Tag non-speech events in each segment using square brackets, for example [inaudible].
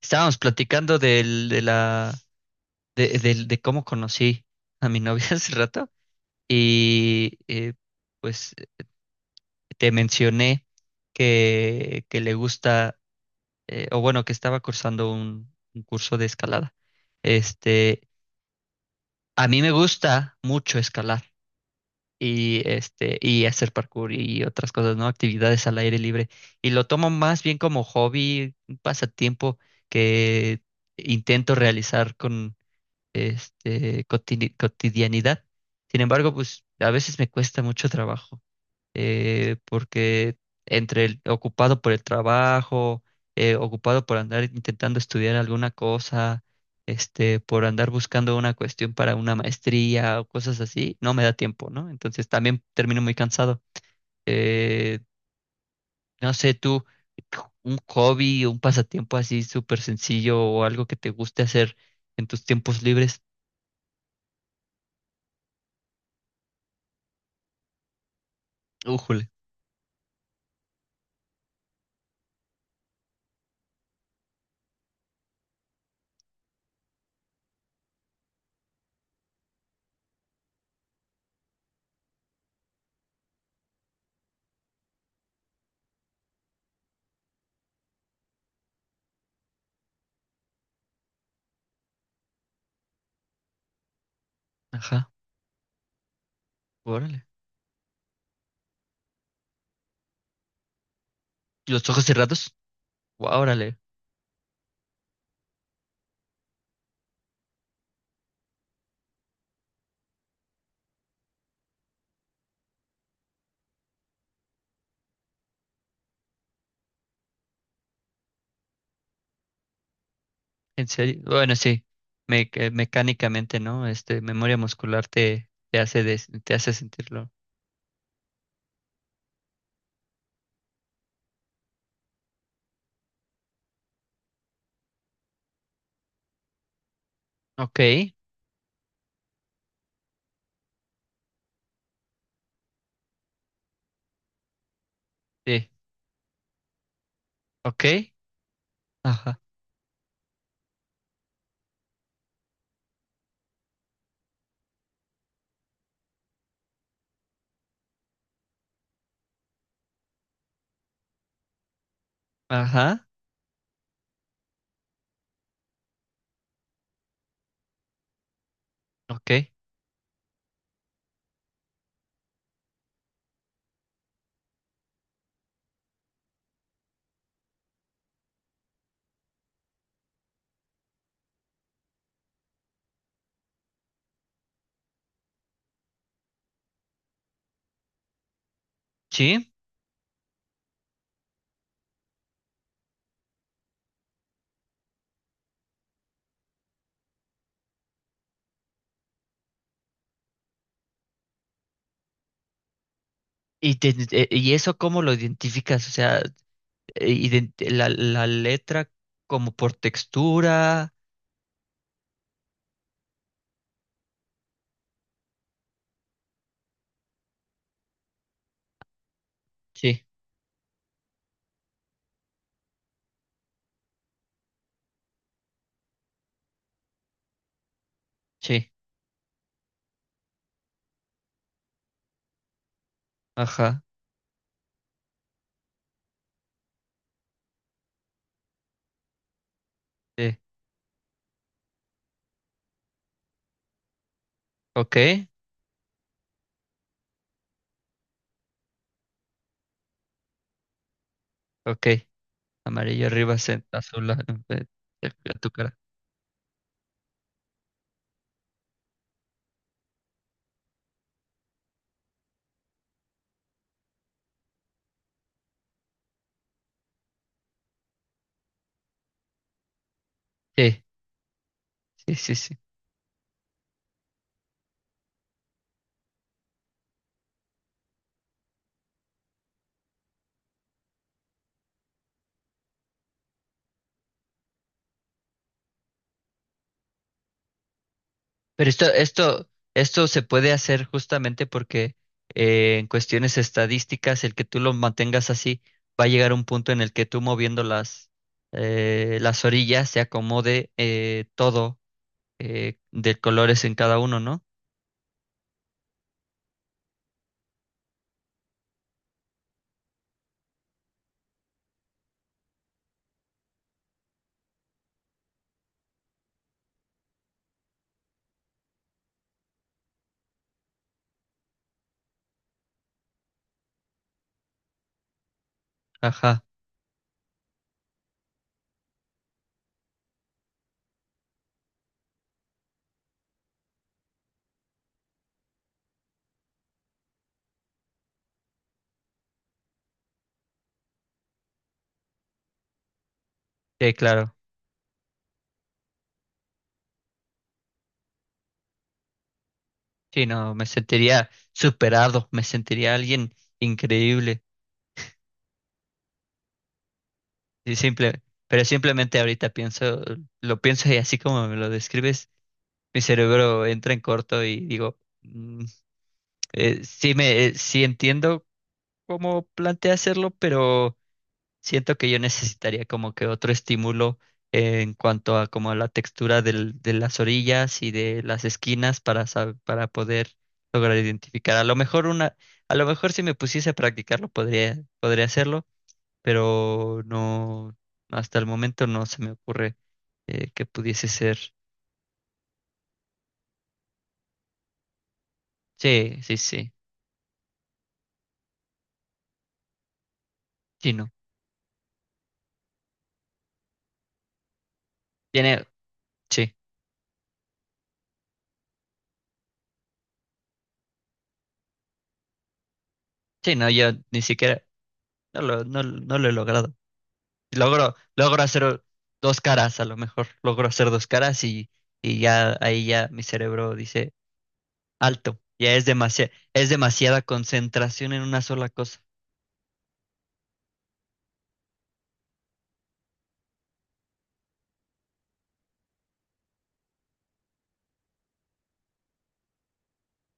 Estábamos platicando del, de la, de, del- de cómo conocí a mi novia [laughs] hace rato y pues te mencioné que le gusta, o bueno, que estaba cursando un curso de escalada. Este, a mí me gusta mucho escalar y y hacer parkour y otras cosas, ¿no? Actividades al aire libre. Y lo tomo más bien como hobby, un pasatiempo que intento realizar cotidianidad. Sin embargo, pues a veces me cuesta mucho trabajo, porque entre el ocupado por el trabajo, ocupado por andar intentando estudiar alguna cosa, por andar buscando una cuestión para una maestría o cosas así, no me da tiempo, ¿no? Entonces también termino muy cansado. Eh, no sé, tú, un hobby, un pasatiempo así súper sencillo o algo que te guste hacer en tus tiempos libres. Újule. Ajá. Órale. ¿Los ojos cerrados? Órale. En serio. Bueno, sí. Que mecánicamente, ¿no? Memoria muscular te hace te hace sentirlo. Ok. Sí. Ok. Ajá. Ajá. Ok. Sí. ¿Y, y eso cómo lo identificas? O sea, la letra como por textura. Sí. Sí. Ajá. Sí. Ok. Ok. Amarillo arriba, azul a tu cara. Sí. Sí, sí, sí. Pero esto se puede hacer justamente porque en cuestiones estadísticas, el que tú lo mantengas así, va a llegar un punto en el que tú moviendo las orillas se acomode todo de colores en cada uno, ¿no? Ajá, sí, claro. Sí, no, me sentiría superado, me sentiría alguien increíble. Y simple, pero simplemente ahorita pienso, lo pienso y así como me lo describes, mi cerebro entra en corto y digo. Sí entiendo cómo plantea hacerlo, pero siento que yo necesitaría como que otro estímulo en cuanto a como la textura de las orillas y de las esquinas para para poder lograr identificar. A lo mejor si me pusiese a practicarlo podría hacerlo, pero no, hasta el momento no se me ocurre que pudiese ser. Sí, sí, sí. Sí, no. Tiene, sí. Sí, no, yo ni siquiera no lo he logrado. Logro hacer dos caras, a lo mejor. Logro hacer dos caras y ya ahí ya mi cerebro dice, alto, es demasiada concentración en una sola cosa.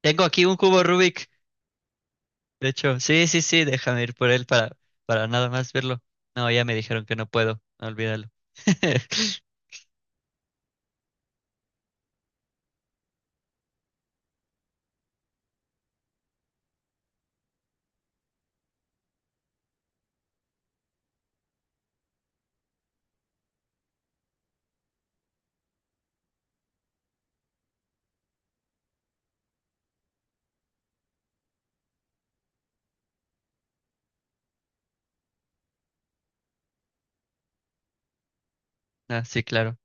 Tengo aquí un cubo Rubik. De hecho, sí, sí, sí, déjame ir por él para nada más verlo. No, ya me dijeron que no puedo, olvídalo. [laughs] No, sí, claro.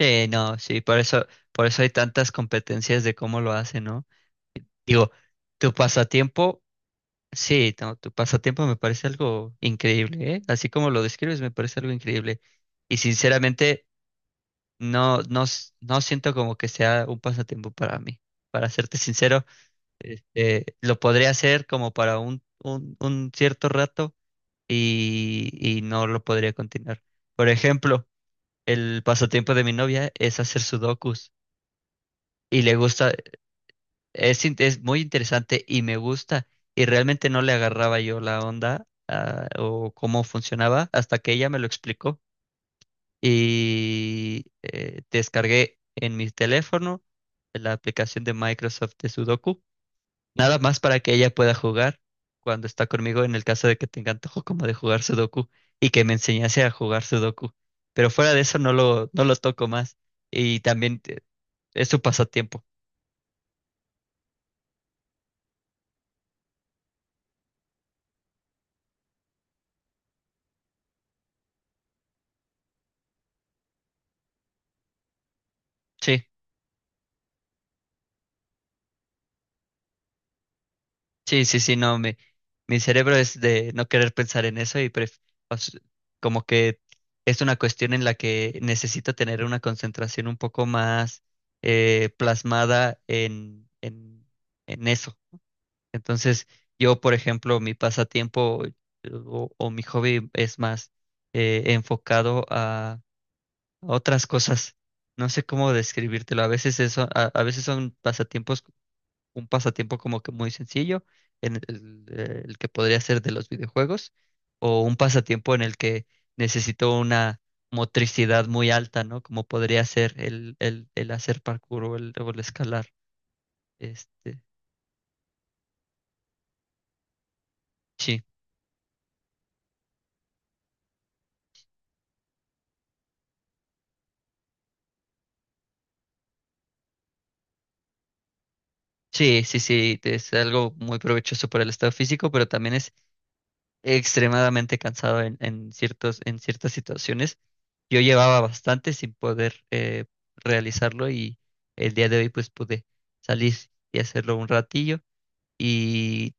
Sí, no, sí, por eso hay tantas competencias de cómo lo hacen, ¿no? Digo, tu pasatiempo. Sí, no, tu pasatiempo me parece algo increíble, ¿eh? Así como lo describes, me parece algo increíble. Y sinceramente, no siento como que sea un pasatiempo para mí. Para serte sincero, lo podría hacer como para un cierto rato y no lo podría continuar. Por ejemplo, el pasatiempo de mi novia es hacer sudokus y le gusta. Es, es muy interesante y me gusta. Y realmente no le agarraba yo la onda ah, o cómo funcionaba hasta que ella me lo explicó. Y descargué en mi teléfono la aplicación de Microsoft de Sudoku, nada más para que ella pueda jugar cuando está conmigo en el caso de que tenga antojo como de jugar Sudoku y que me enseñase a jugar Sudoku. Pero fuera de eso no lo toco más. Y también es su pasatiempo. Sí. Sí, sí, sí, no, mi cerebro es de no querer pensar en eso y o s- como que es una cuestión en la que necesito tener una concentración un poco más plasmada en eso. Entonces, yo, por ejemplo, mi pasatiempo o mi hobby es más enfocado a otras cosas. No sé cómo describírtelo. A a veces son pasatiempos un pasatiempo como que muy sencillo, el que podría ser de los videojuegos, o un pasatiempo en el que necesito una motricidad muy alta, ¿no? Como podría ser el hacer parkour o o el escalar. Este, sí, sí, sí, sí, es algo muy provechoso para el estado físico, pero también es extremadamente cansado en ciertos, en ciertas situaciones. Yo llevaba bastante sin poder realizarlo y el día de hoy pues pude salir y hacerlo un ratillo y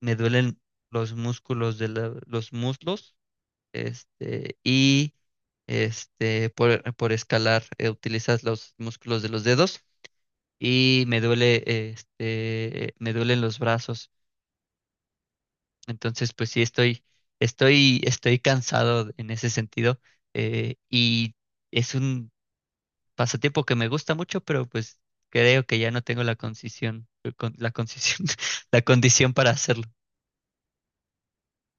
me duelen los músculos de los muslos, y por escalar utilizas los músculos de los dedos y me duele me duelen los brazos. Entonces pues sí estoy estoy cansado en ese sentido y es un pasatiempo que me gusta mucho, pero pues creo que ya no tengo la concisión, con- la concisión, [laughs] la condición para hacerlo.